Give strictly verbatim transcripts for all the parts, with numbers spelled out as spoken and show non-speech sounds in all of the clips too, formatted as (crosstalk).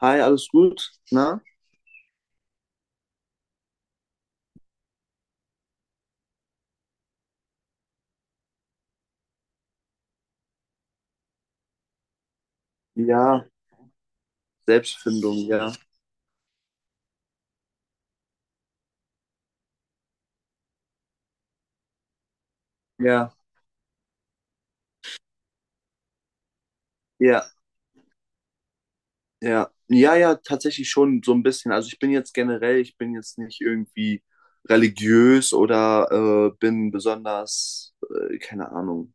Hi, alles gut? Na? Ja, Selbstfindung, ja. Ja, ja, ja. Ja, ja, tatsächlich schon so ein bisschen. Also ich bin jetzt generell, ich bin jetzt nicht irgendwie religiös oder äh, bin besonders, äh, keine Ahnung.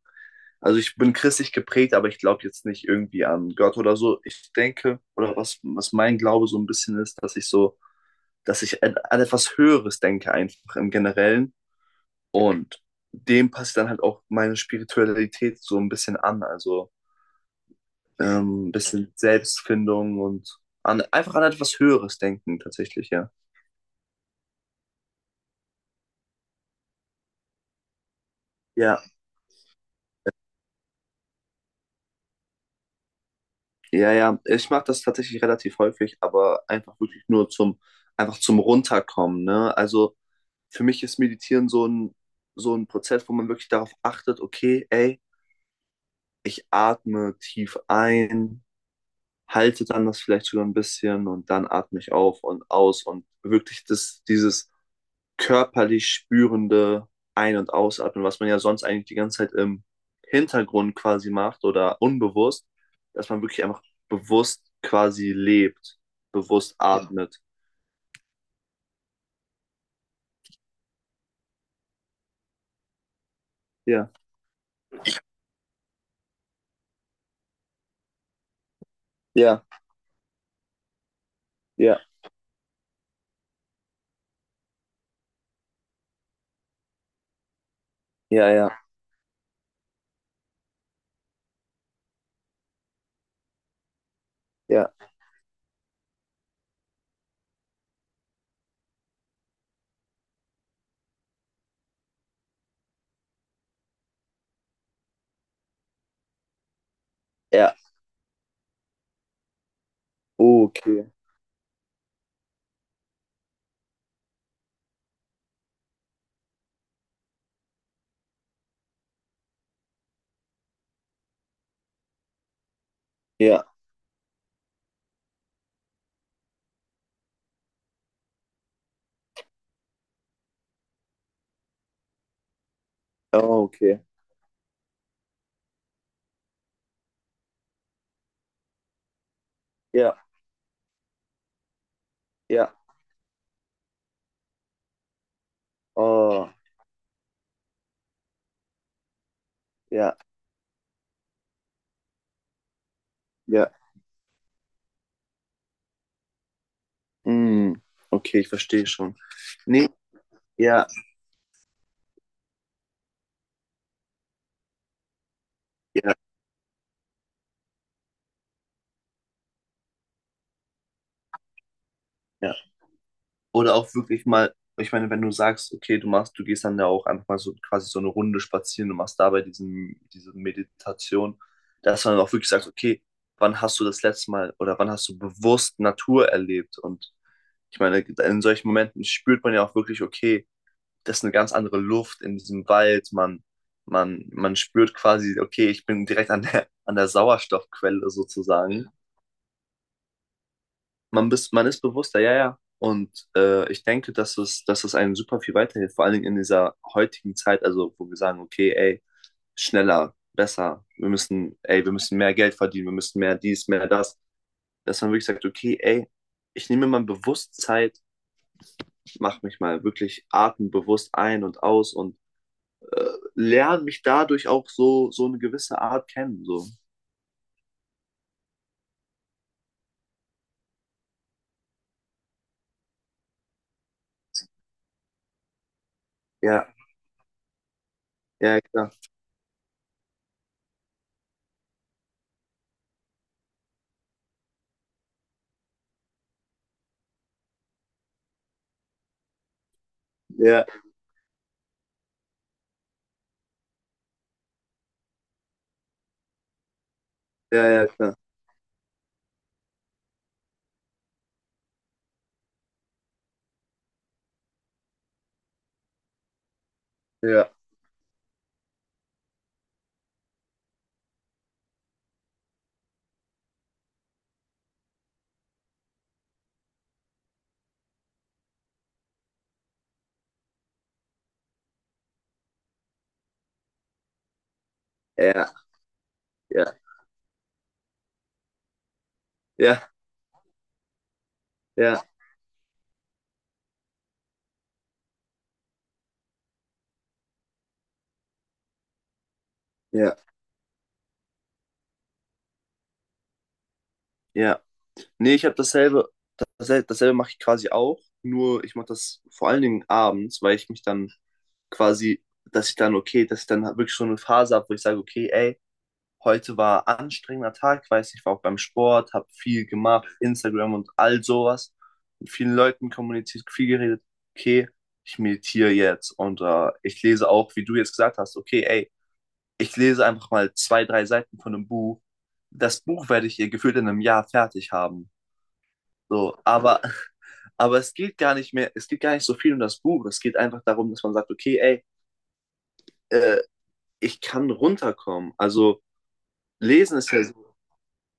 Also ich bin christlich geprägt, aber ich glaube jetzt nicht irgendwie an Gott oder so. Ich denke, oder was, was mein Glaube so ein bisschen ist, dass ich so, dass ich an an etwas Höheres denke einfach im Generellen. Und dem passt dann halt auch meine Spiritualität so ein bisschen an. Also ähm, ein bisschen Selbstfindung und an, einfach an etwas Höheres denken tatsächlich, ja. Ja, ja, ja. Ich mache das tatsächlich relativ häufig, aber einfach wirklich nur zum, einfach zum Runterkommen, ne? Also für mich ist Meditieren so ein, so ein Prozess, wo man wirklich darauf achtet, okay, ey, ich atme tief ein, halte dann das vielleicht sogar ein bisschen und dann atme ich auf und aus und wirklich das, dieses körperlich spürende Ein- und Ausatmen, was man ja sonst eigentlich die ganze Zeit im Hintergrund quasi macht oder unbewusst, dass man wirklich einfach bewusst quasi lebt, bewusst atmet. Ja, ja, ja, ja, ja, ja, ja, okay, ja, okay, ja, ja, oh, ja, ja, mm, okay, ich verstehe schon. Nee, ja, ja, ja. Oder auch wirklich mal, ich meine, wenn du sagst, okay, du machst, du gehst dann ja auch einfach mal so quasi so eine Runde spazieren, du machst dabei diesen, diese Meditation, dass man auch wirklich sagt, okay, wann hast du das letzte Mal oder wann hast du bewusst Natur erlebt? Und ich meine, in solchen Momenten spürt man ja auch wirklich, okay, das ist eine ganz andere Luft in diesem Wald, man, man, man spürt quasi, okay, ich bin direkt an der, an der Sauerstoffquelle sozusagen. Man, bist, man ist bewusster, ja, ja. Und äh, ich denke, dass es, dass es einem super viel weiterhilft, vor allen Dingen in dieser heutigen Zeit, also wo wir sagen, okay, ey, schneller, besser, wir müssen, ey, wir müssen mehr Geld verdienen, wir müssen mehr dies, mehr das, dass man wirklich sagt, okay, ey, ich nehme mal bewusst Zeit, mache mich mal wirklich atembewusst ein und aus und äh, lerne mich dadurch auch so, so eine gewisse Art kennen. So. Ja, ja, klar. Ja, ja, ja, klar. Ja, ja, ja, ja, ja, ja. Ja. Nee, ich habe dasselbe, dasselbe, dasselbe mache ich quasi auch, nur ich mache das vor allen Dingen abends, weil ich mich dann quasi, dass ich dann, okay, dass ich dann halt wirklich schon eine Phase habe, wo ich sage, okay, ey, heute war ein anstrengender Tag, weiß ich war auch beim Sport, habe viel gemacht, Instagram und all sowas, mit vielen Leuten kommuniziert, viel geredet, okay, ich meditiere jetzt und äh, ich lese auch, wie du jetzt gesagt hast, okay, ey, ich lese einfach mal zwei, drei Seiten von einem Buch. Das Buch werde ich ihr gefühlt in einem Jahr fertig haben. So, aber, (laughs) aber es geht gar nicht mehr, es geht gar nicht so viel um das Buch. Es geht einfach darum, dass man sagt, okay, ey, äh, ich kann runterkommen. Also lesen ist ja so,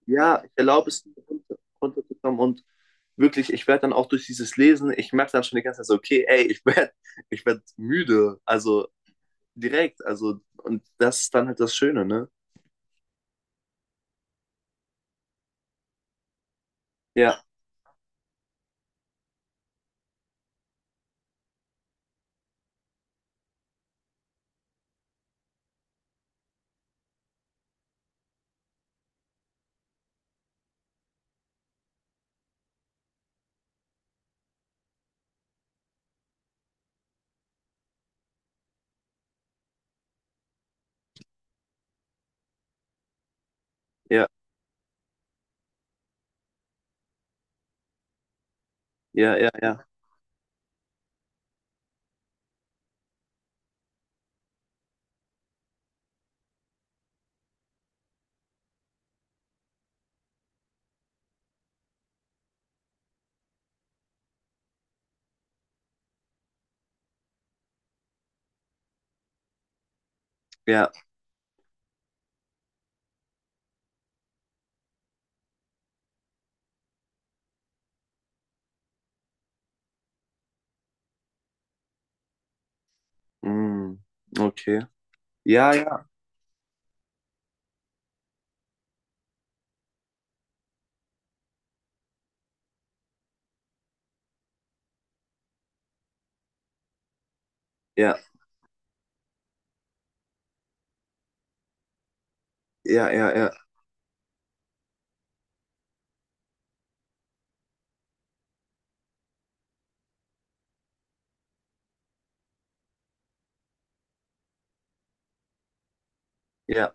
ja, ich erlaube es, mir, runter- runterzukommen und wirklich, ich werde dann auch durch dieses Lesen, ich merke dann schon die ganze Zeit so, okay, ey, ich werde ich werd müde. Also direkt, also, und das ist dann halt das Schöne, ne? Ja, ja, ja, ja, ja, ja. Mm, okay. Ja, ja, ja, ja, ja, ja, ja.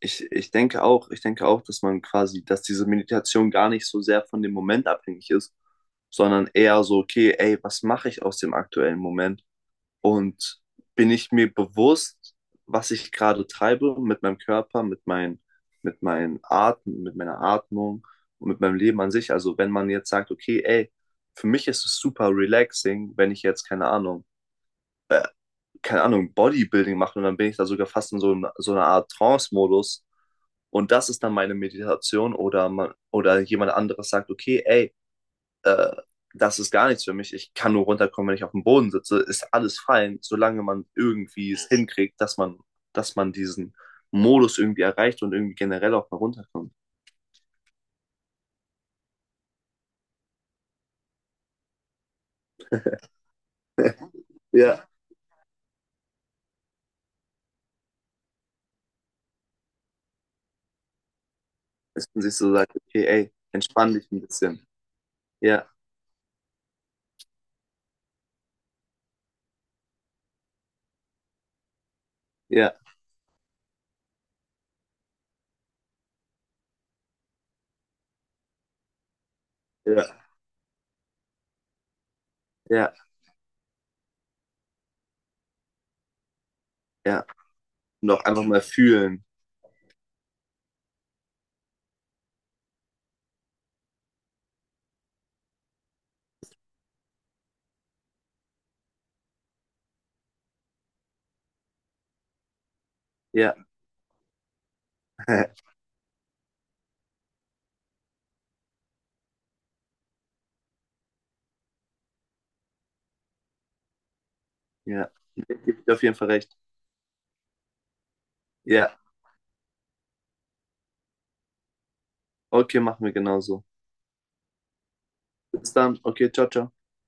Ich, ich denke auch, ich denke auch, dass man quasi, dass diese Meditation gar nicht so sehr von dem Moment abhängig ist, sondern eher so, okay, ey, was mache ich aus dem aktuellen Moment? Und bin ich mir bewusst, was ich gerade treibe mit meinem Körper, mit meinen, mit meinen Atmen, mit meiner Atmung und mit meinem Leben an sich? Also wenn man jetzt sagt, okay, ey, für mich ist es super relaxing, wenn ich jetzt, keine Ahnung, keine Ahnung, Bodybuilding mache und dann bin ich da sogar fast in so, einer- so einer Art Trance-Modus und das ist dann meine Meditation oder man, oder jemand anderes sagt, okay, ey, äh, das ist gar nichts für mich. Ich kann nur runterkommen, wenn ich auf dem Boden sitze. Ist alles fein, solange man irgendwie es hinkriegt, dass man, dass man diesen Modus irgendwie erreicht und irgendwie generell auch mal runterkommt. Ja. Dass man sich so sagt, okay, ey, entspann dich ein bisschen. Ja, ja, ja, ja, ja. Und auch einfach mal fühlen. Ja, (laughs) ja. Ich gebe dir auf jeden Fall recht. Ja, okay, machen wir genauso. Bis dann. Okay, ciao, ciao.